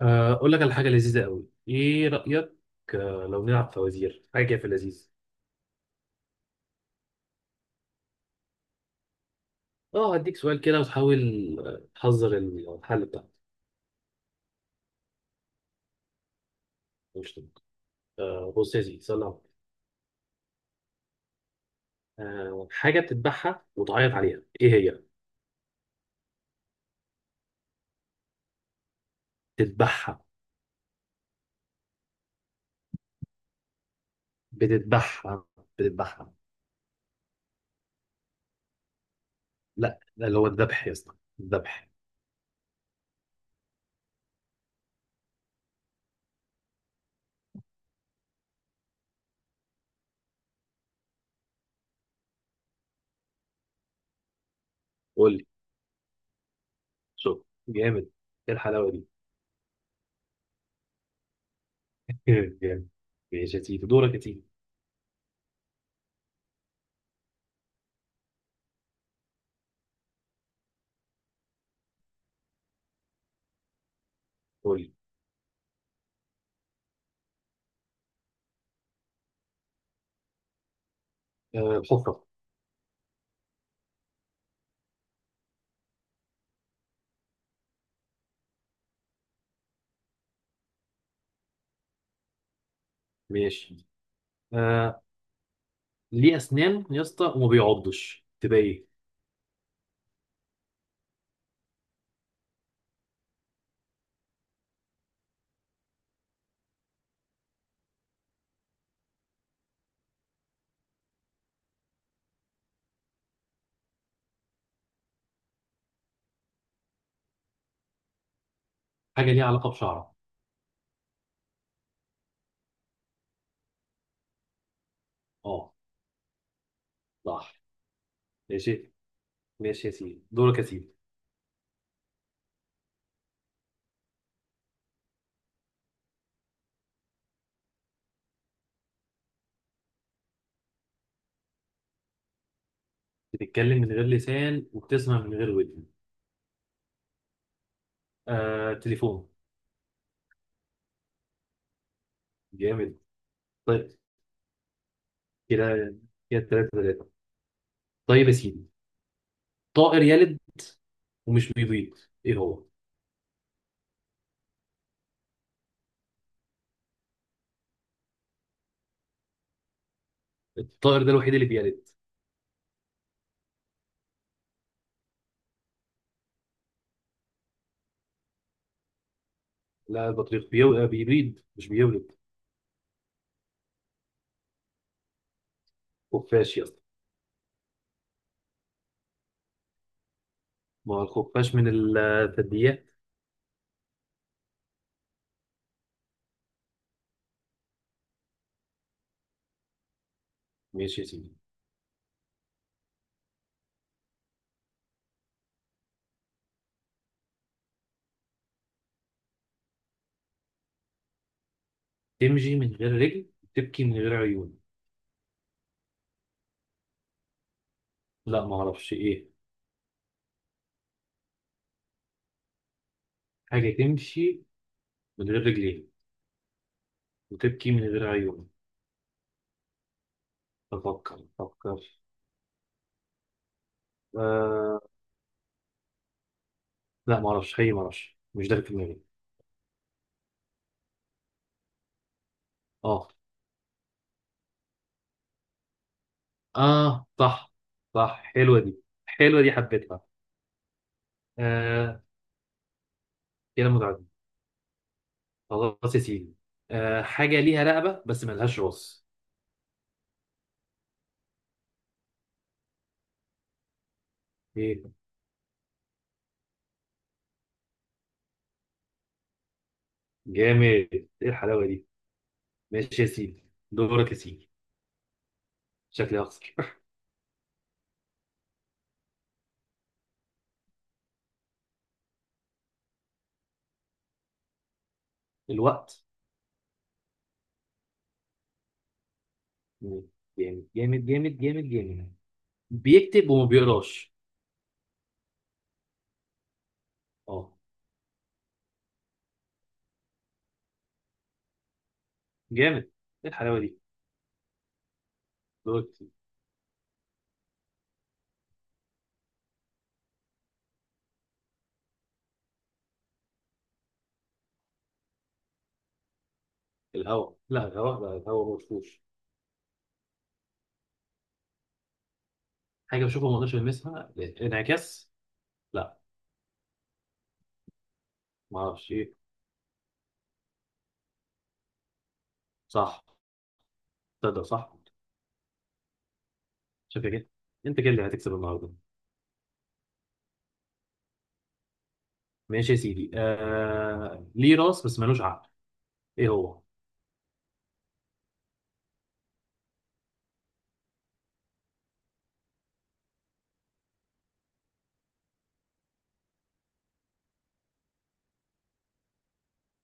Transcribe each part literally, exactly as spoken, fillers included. آه، اقول لك على حاجه لذيذه قوي، ايه رايك؟ آه، لو نلعب فوازير، حاجه كده في اللذيذ. اه، هديك سؤال كده وتحاول، آه، تحذر الحل بتاعك. مش طبعا. آه، بص يا سيدي، سلام. آه، حاجه بتذبحها وتعيط عليها، ايه هي؟ تذبحها. بتذبحها. بتذبحها. لا لا، اللي هو الذبح يا اسطى، الذبح. قول لي. شوف. جامد! ايه الحلاوه دي! جامد. ماشي يا سيدي، دورك يا سيدي. قول لي. آه، حفره. ماشي. آه، ليه اسنان يا اسطى وما بيعضش، تبقى ايه؟ حاجه ليها علاقه بشعره. اه صح. ماشي. ماشي يا سيدي، دورك يا سيدي. بتتكلم من غير لسان وبتسمع من غير ودن. آه تليفون. جامد. طيب. كده. كده تلاتة تلاتة. طيب يا سيدي. طائر يلد ومش بيبيض، ايه هو؟ الطائر ده الوحيد اللي بيلد. لا، البطريق بيو... آه، بيبيض مش بيولد. خفاش يا اسطى. ما هو الخفاش من الثدييات. ماشي يا سيدي. تمشي من غير رجل، تبكي من غير عيون. لا ما اعرفش ايه. حاجه تمشي من غير رجلين وتبكي من غير عيون. افكر افكر. آه. لا ما اعرفش حقيقي، ما اعرفش، مش ده اللي في دماغي. اه. اه صح. صح، حلوه دي، حلوه دي، حبيتها. آه. كده متعدد. خلاص يا سيدي. آه حاجه ليها رقبه بس ملهاش راس. ايه! جامد! ايه الحلاوه دي! ماشي يا سيدي، دورك يا سيدي. شكلي هخسر. الوقت. جامد جامد جامد جامد جامد. بيكتب وما بيقراش. اه. جامد! ايه الحلاوه دي! دوت. الهواء، لا الهواء، لا الهواء ما بشوفوش. حاجه بشوفها ما اقدرش المسها. انعكاس. لا. ما اعرفش ايه. صح. تقدر، صح. شايف يا كده؟ انت كده اللي هتكسب النهارده. ماشي يا سيدي. آه... ليه راس بس ملوش عقل، ايه هو؟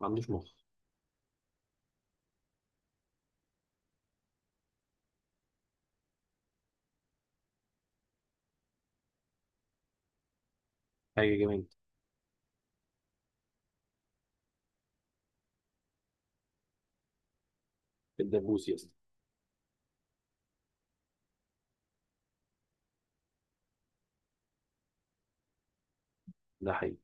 ما عندوش مخ. حاجه جميله. الدبوس يا اسطى. ده حقيقي.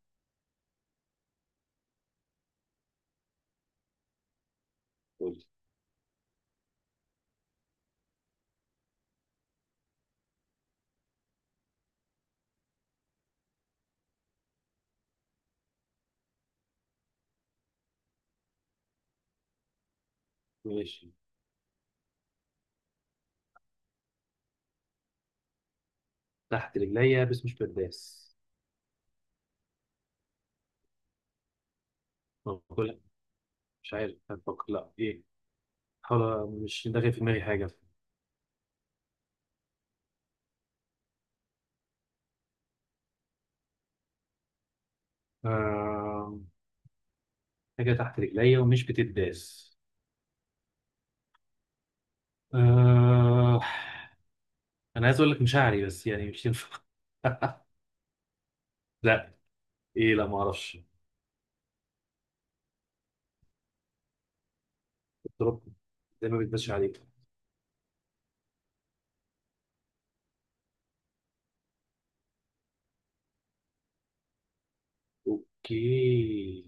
قول لي. ماشي، تحت رجليا بس مش برداس، باكلها. مش عارف هتفكر لا ايه، حاول، مش داخل في دماغي حاجه. آه... حاجة تحت رجليا ومش بتتداس. آه... أنا عايز أقول لك مشاعري بس يعني مش ينفع. لا. إيه، لا ما أعرفش. التراب، زي ما بيتمشي عليك. أوكي.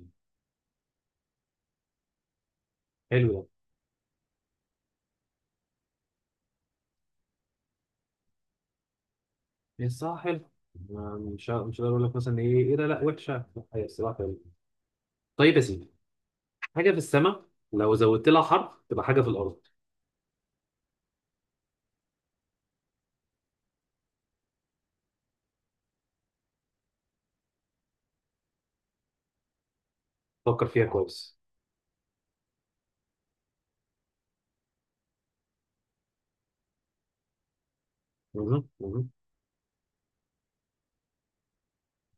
حلو. ده إيه! صح. حلو. ما- مش ه- مش هقدر أقول لك مثلا إيه إيه ده، لا وحشة، لا، هي الصراحة حلوة. طيب يا سيدي. حاجة في السماء، لو زودت لها حرف تبقى حاجة في الأرض. فكر فيها كويس. مهم. مهم.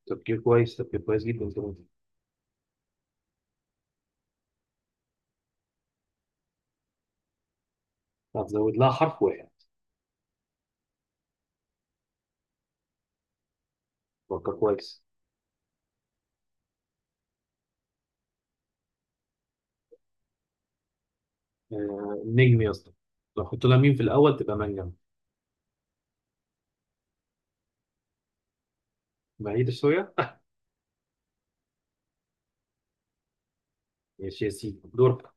تفكير كويس، تفكير كويس جدا كمان. هتزود لها حرف واحد، فكر كويس. آه، نجم يا اسطى، لو حط لها مين في الاول تبقى منجم. بعيدة شوية. ماشي يا سيدي، دورك.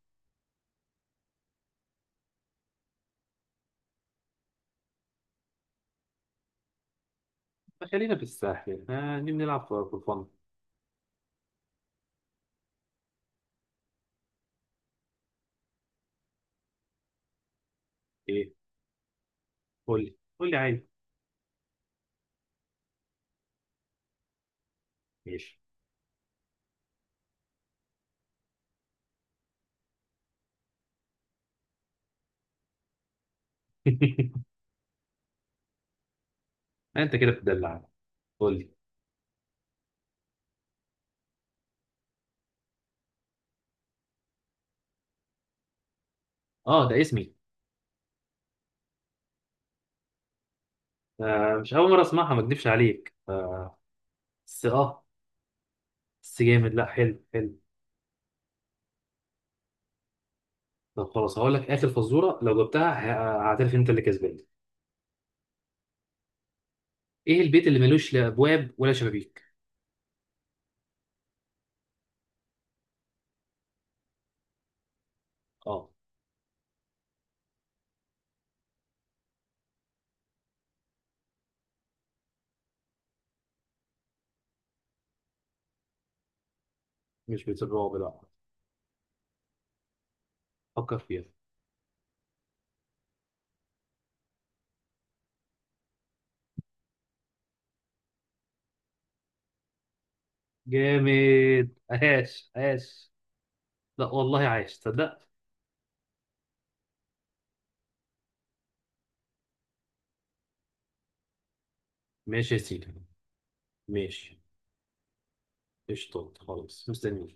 خلينا في الساحل، آه نيجي نلعب في في الفن. ايه، قول لي، قول لي عادي. ماشي. انت كده بتدلع. قول لي. اه، ده اسمي. آه مش اول مرة اسمعها، ما اكدبش عليك. آه، بس اه. بس جامد. لا، حلو حلو. طب خلاص، هقول لك اخر فزوره، لو جبتها ه- هعترف انت اللي كسبان. ايه البيت اللي ملوش لا ابواب ولا شبابيك؟ اه. مش بيت الرعب، لا. فكر فيها. جامد! عاش عاش. لا والله، عايش، تصدق؟ ماشي يا سيدي. ماشي. قشطة، خلاص، مستنيك.